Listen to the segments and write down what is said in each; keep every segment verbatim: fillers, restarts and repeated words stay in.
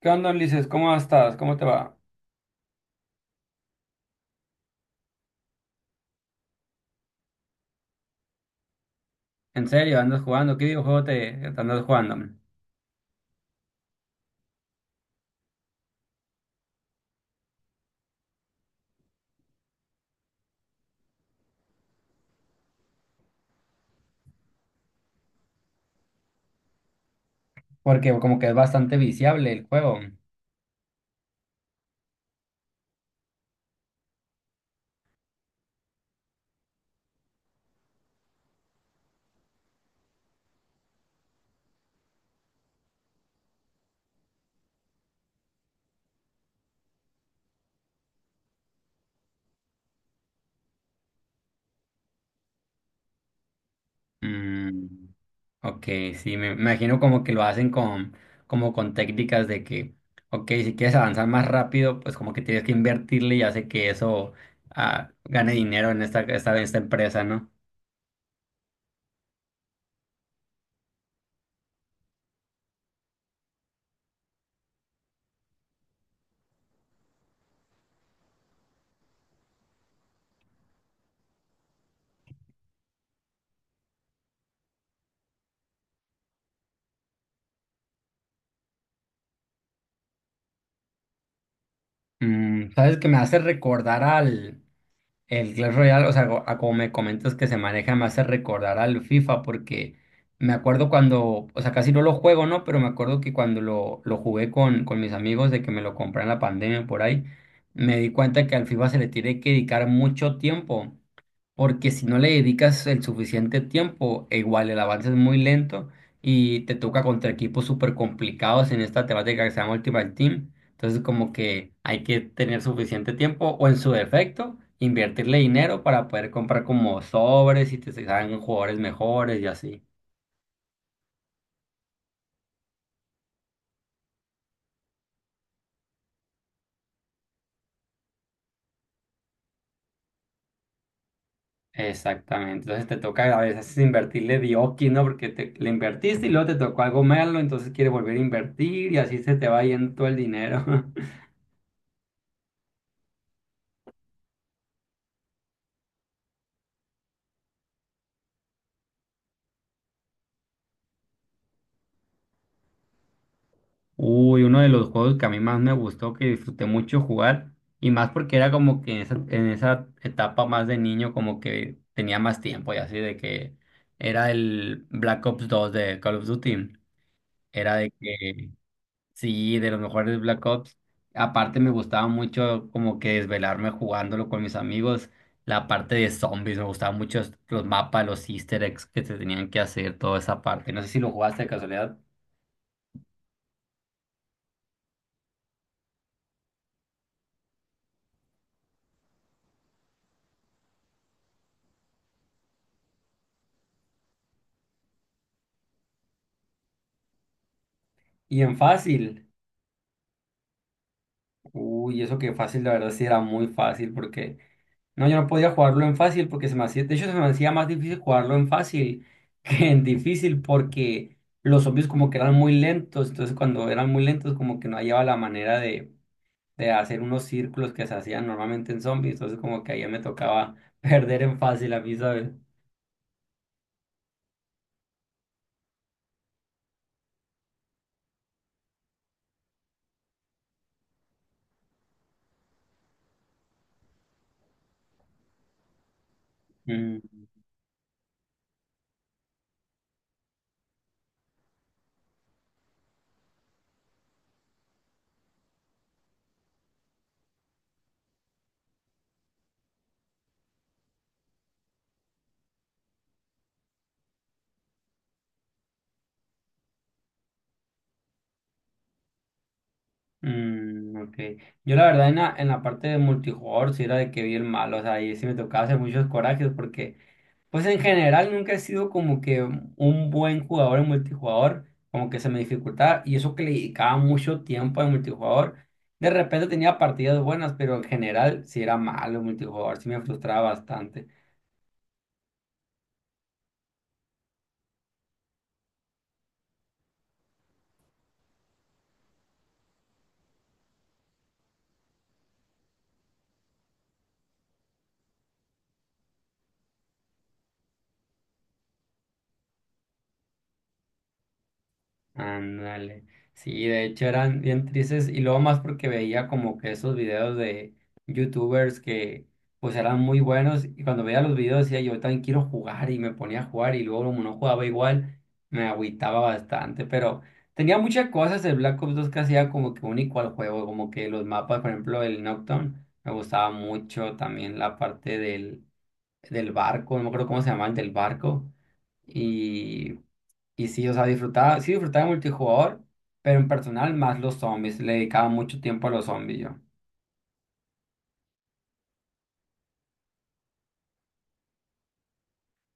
¿Qué onda, Ulises? ¿Cómo estás? ¿Cómo te va? ¿En serio? ¿Andas jugando? ¿Qué videojuego te te andas jugando? Porque como que es bastante viciable el juego. Mm, ok, sí, me imagino como que lo hacen con, como con técnicas de que, ok, si quieres avanzar más rápido, pues como que tienes que invertirle y hace que eso ah, gane dinero en esta, esta, esta empresa, ¿no? Mm, ¿sabes? Que me hace recordar al, El Clash Royale, o sea, go- a como me comentas que se maneja, me hace recordar al FIFA porque me acuerdo cuando, o sea, casi no lo juego, ¿no? Pero me acuerdo que cuando lo, lo jugué con, con mis amigos de que me lo compré en la pandemia por ahí, me di cuenta que al FIFA se le tiene que dedicar mucho tiempo porque si no le dedicas el suficiente tiempo, e igual el avance es muy lento y te toca contra equipos súper complicados en esta temática que se llama Ultimate Team. Entonces, como que hay que tener suficiente tiempo o en su defecto, invertirle dinero para poder comprar como sobres y te salgan jugadores mejores y así. Exactamente, entonces te toca a veces invertirle dioki, ¿no? Porque te, le invertiste y luego te tocó algo malo, entonces quieres volver a invertir y así se te va yendo todo el dinero. Uy, uno de los juegos que a mí más me gustó, que disfruté mucho jugar, y más porque era como que en esa, en esa etapa más de niño, como que tenía más tiempo y así, de que era el Black Ops dos de Call of Duty. Era de que, sí, de los mejores Black Ops. Aparte me gustaba mucho como que desvelarme jugándolo con mis amigos, la parte de zombies, me gustaban mucho los mapas, los easter eggs que se tenían que hacer, toda esa parte. No sé si lo jugaste de casualidad. Y en fácil. Uy, eso que fácil, la verdad sí era muy fácil porque no, yo no podía jugarlo en fácil porque se me hacía, de hecho se me hacía más difícil jugarlo en fácil que en difícil porque los zombies como que eran muy lentos, entonces cuando eran muy lentos como que no hallaba la manera de, de hacer unos círculos que se hacían normalmente en zombies, entonces como que ahí me tocaba perder en fácil a mí, ¿sabes? Mm, mm, ok. Yo la verdad en la, en la parte de multijugador sí era de que vi el malo, o sea, ahí sí me tocaba hacer muchos corajes porque. Pues en general nunca he sido como que un buen jugador en multijugador, como que se me dificultaba y eso que le dedicaba mucho tiempo en multijugador. De repente tenía partidas buenas, pero en general sí era malo en multijugador, sí me frustraba bastante. Ándale. Sí, de hecho eran bien tristes y luego más porque veía como que esos videos de youtubers que pues eran muy buenos y cuando veía los videos decía yo también quiero jugar y me ponía a jugar y luego como no jugaba igual me agüitaba bastante, pero tenía muchas cosas el Black Ops dos que hacía como que único al juego, como que los mapas, por ejemplo, el Nocturne me gustaba mucho, también la parte del, del barco, no me acuerdo cómo se llamaba el del barco. Y y sí, o sea, disfrutaba, sí disfrutaba de multijugador, pero en personal más los zombies. Le dedicaba mucho tiempo a los zombies yo.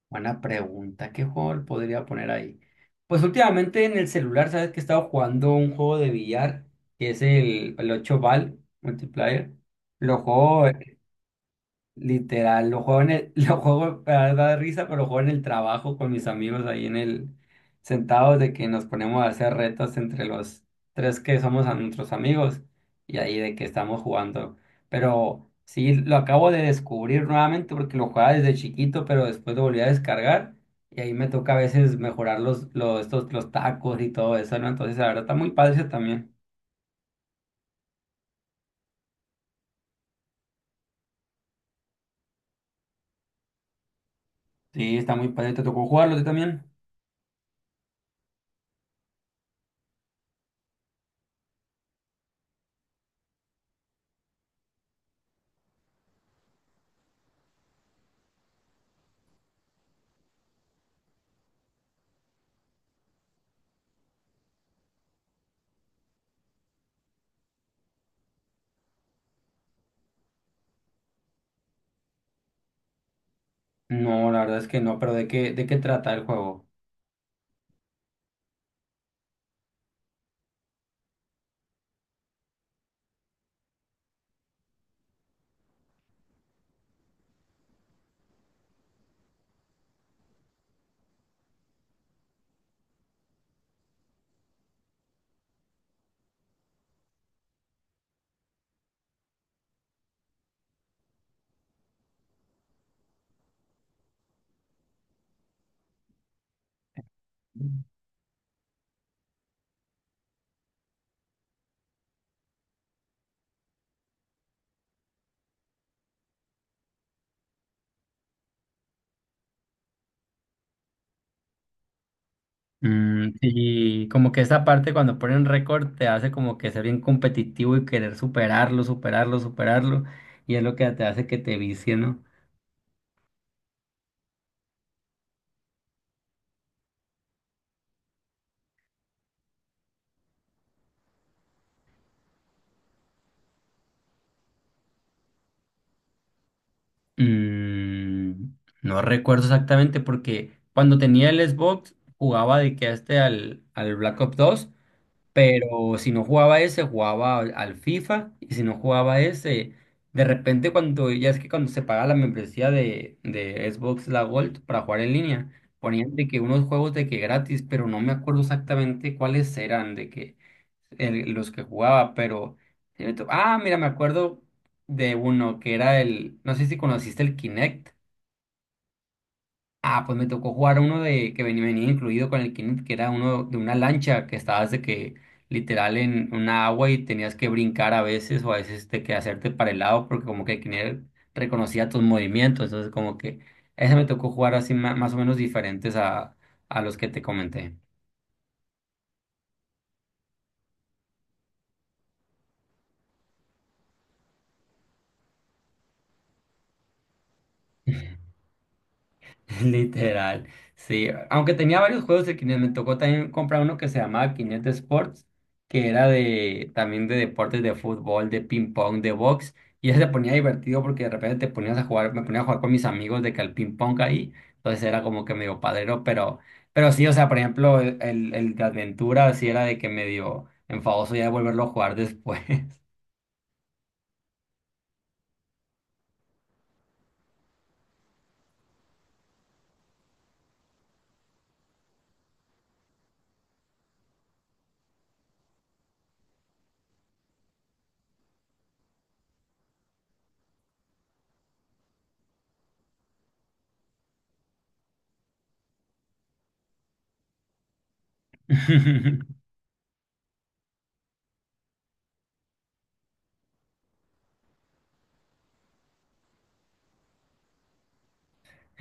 Buena pregunta, ¿qué juego le podría poner ahí? Pues últimamente en el celular, ¿sabes que he estado jugando un juego de billar? Que es el, el ocho Ball Multiplayer. Lo juego. Literal, lo juego en el, lo juego para dar risa, pero lo juego en el trabajo con mis amigos ahí en el, sentados de que nos ponemos a hacer retos entre los tres que somos a nuestros amigos y ahí de que estamos jugando. Pero sí, lo acabo de descubrir nuevamente porque lo jugaba desde chiquito, pero después lo volví a descargar y ahí me toca a veces mejorar los, los, estos, los tacos y todo eso, ¿no? Entonces, la verdad está muy padre ese también. Sí, está muy padre. ¿Te tocó jugarlo a ti también? No, la verdad es que no, pero ¿de qué, de qué trata el juego? Mm, y como que esa parte cuando ponen récord te hace como que ser bien competitivo y querer superarlo, superarlo, superarlo. Y es lo que te hace que te vicie, ¿no? Mm, no recuerdo exactamente porque cuando tenía el Xbox jugaba de que a este al, al Black Ops dos. Pero si no jugaba ese, jugaba al al FIFA. Y si no jugaba ese, de repente cuando, ya es que cuando se pagaba la membresía de, de Xbox La Gold para jugar en línea, ponían de que unos juegos de que gratis, pero no me acuerdo exactamente cuáles eran, de que el- los que jugaba, pero. Sí me to- Ah, mira, me acuerdo de uno que era el. No sé si conociste el Kinect. Ah, pues me tocó jugar uno de que venía, venía incluido con el Kinect, que era uno de una lancha que estabas de que literal en una agua y tenías que brincar a veces o a veces de que hacerte para el lado porque como que el Kinect reconocía tus movimientos, entonces como que ese me tocó jugar así ma- más, o menos diferentes a, a los que te comenté. Literal, sí. Aunque tenía varios juegos de Kinect, me tocó también comprar uno que se llamaba Kinect Sports, que era de también de deportes de fútbol, de ping pong, de box, y ese se ponía divertido porque de repente te ponías a jugar, me ponía a jugar con mis amigos de que al ping pong ahí, entonces era como que medio padrero, pero, pero sí, o sea, por ejemplo, el, el el de aventura sí era de que medio enfadoso ya de volverlo a jugar después.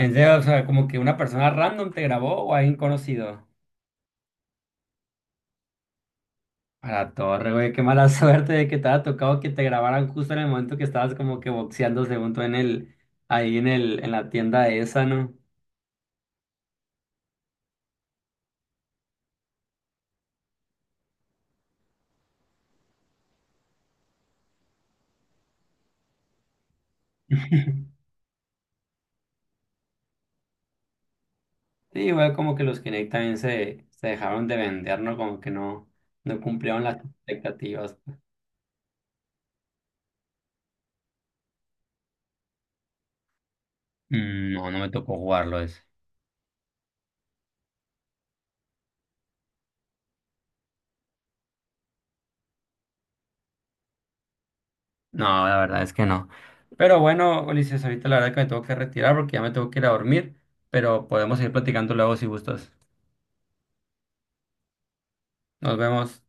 En serio, o sea, como que una persona random te grabó o alguien conocido. A la torre, güey, qué mala suerte de que te haya tocado que te grabaran justo en el momento que estabas como que boxeando según tú en el, ahí en el, en la tienda esa, ¿no? Sí, igual como que los Kinect también se, se dejaron de vender, ¿no? Como que no, no cumplieron las expectativas. Mm, no, no me tocó jugarlo ese. No, la verdad es que no. Pero bueno, Ulises, ahorita la verdad que me tengo que retirar porque ya me tengo que ir a dormir, pero podemos seguir platicando luego si gustas. Nos vemos.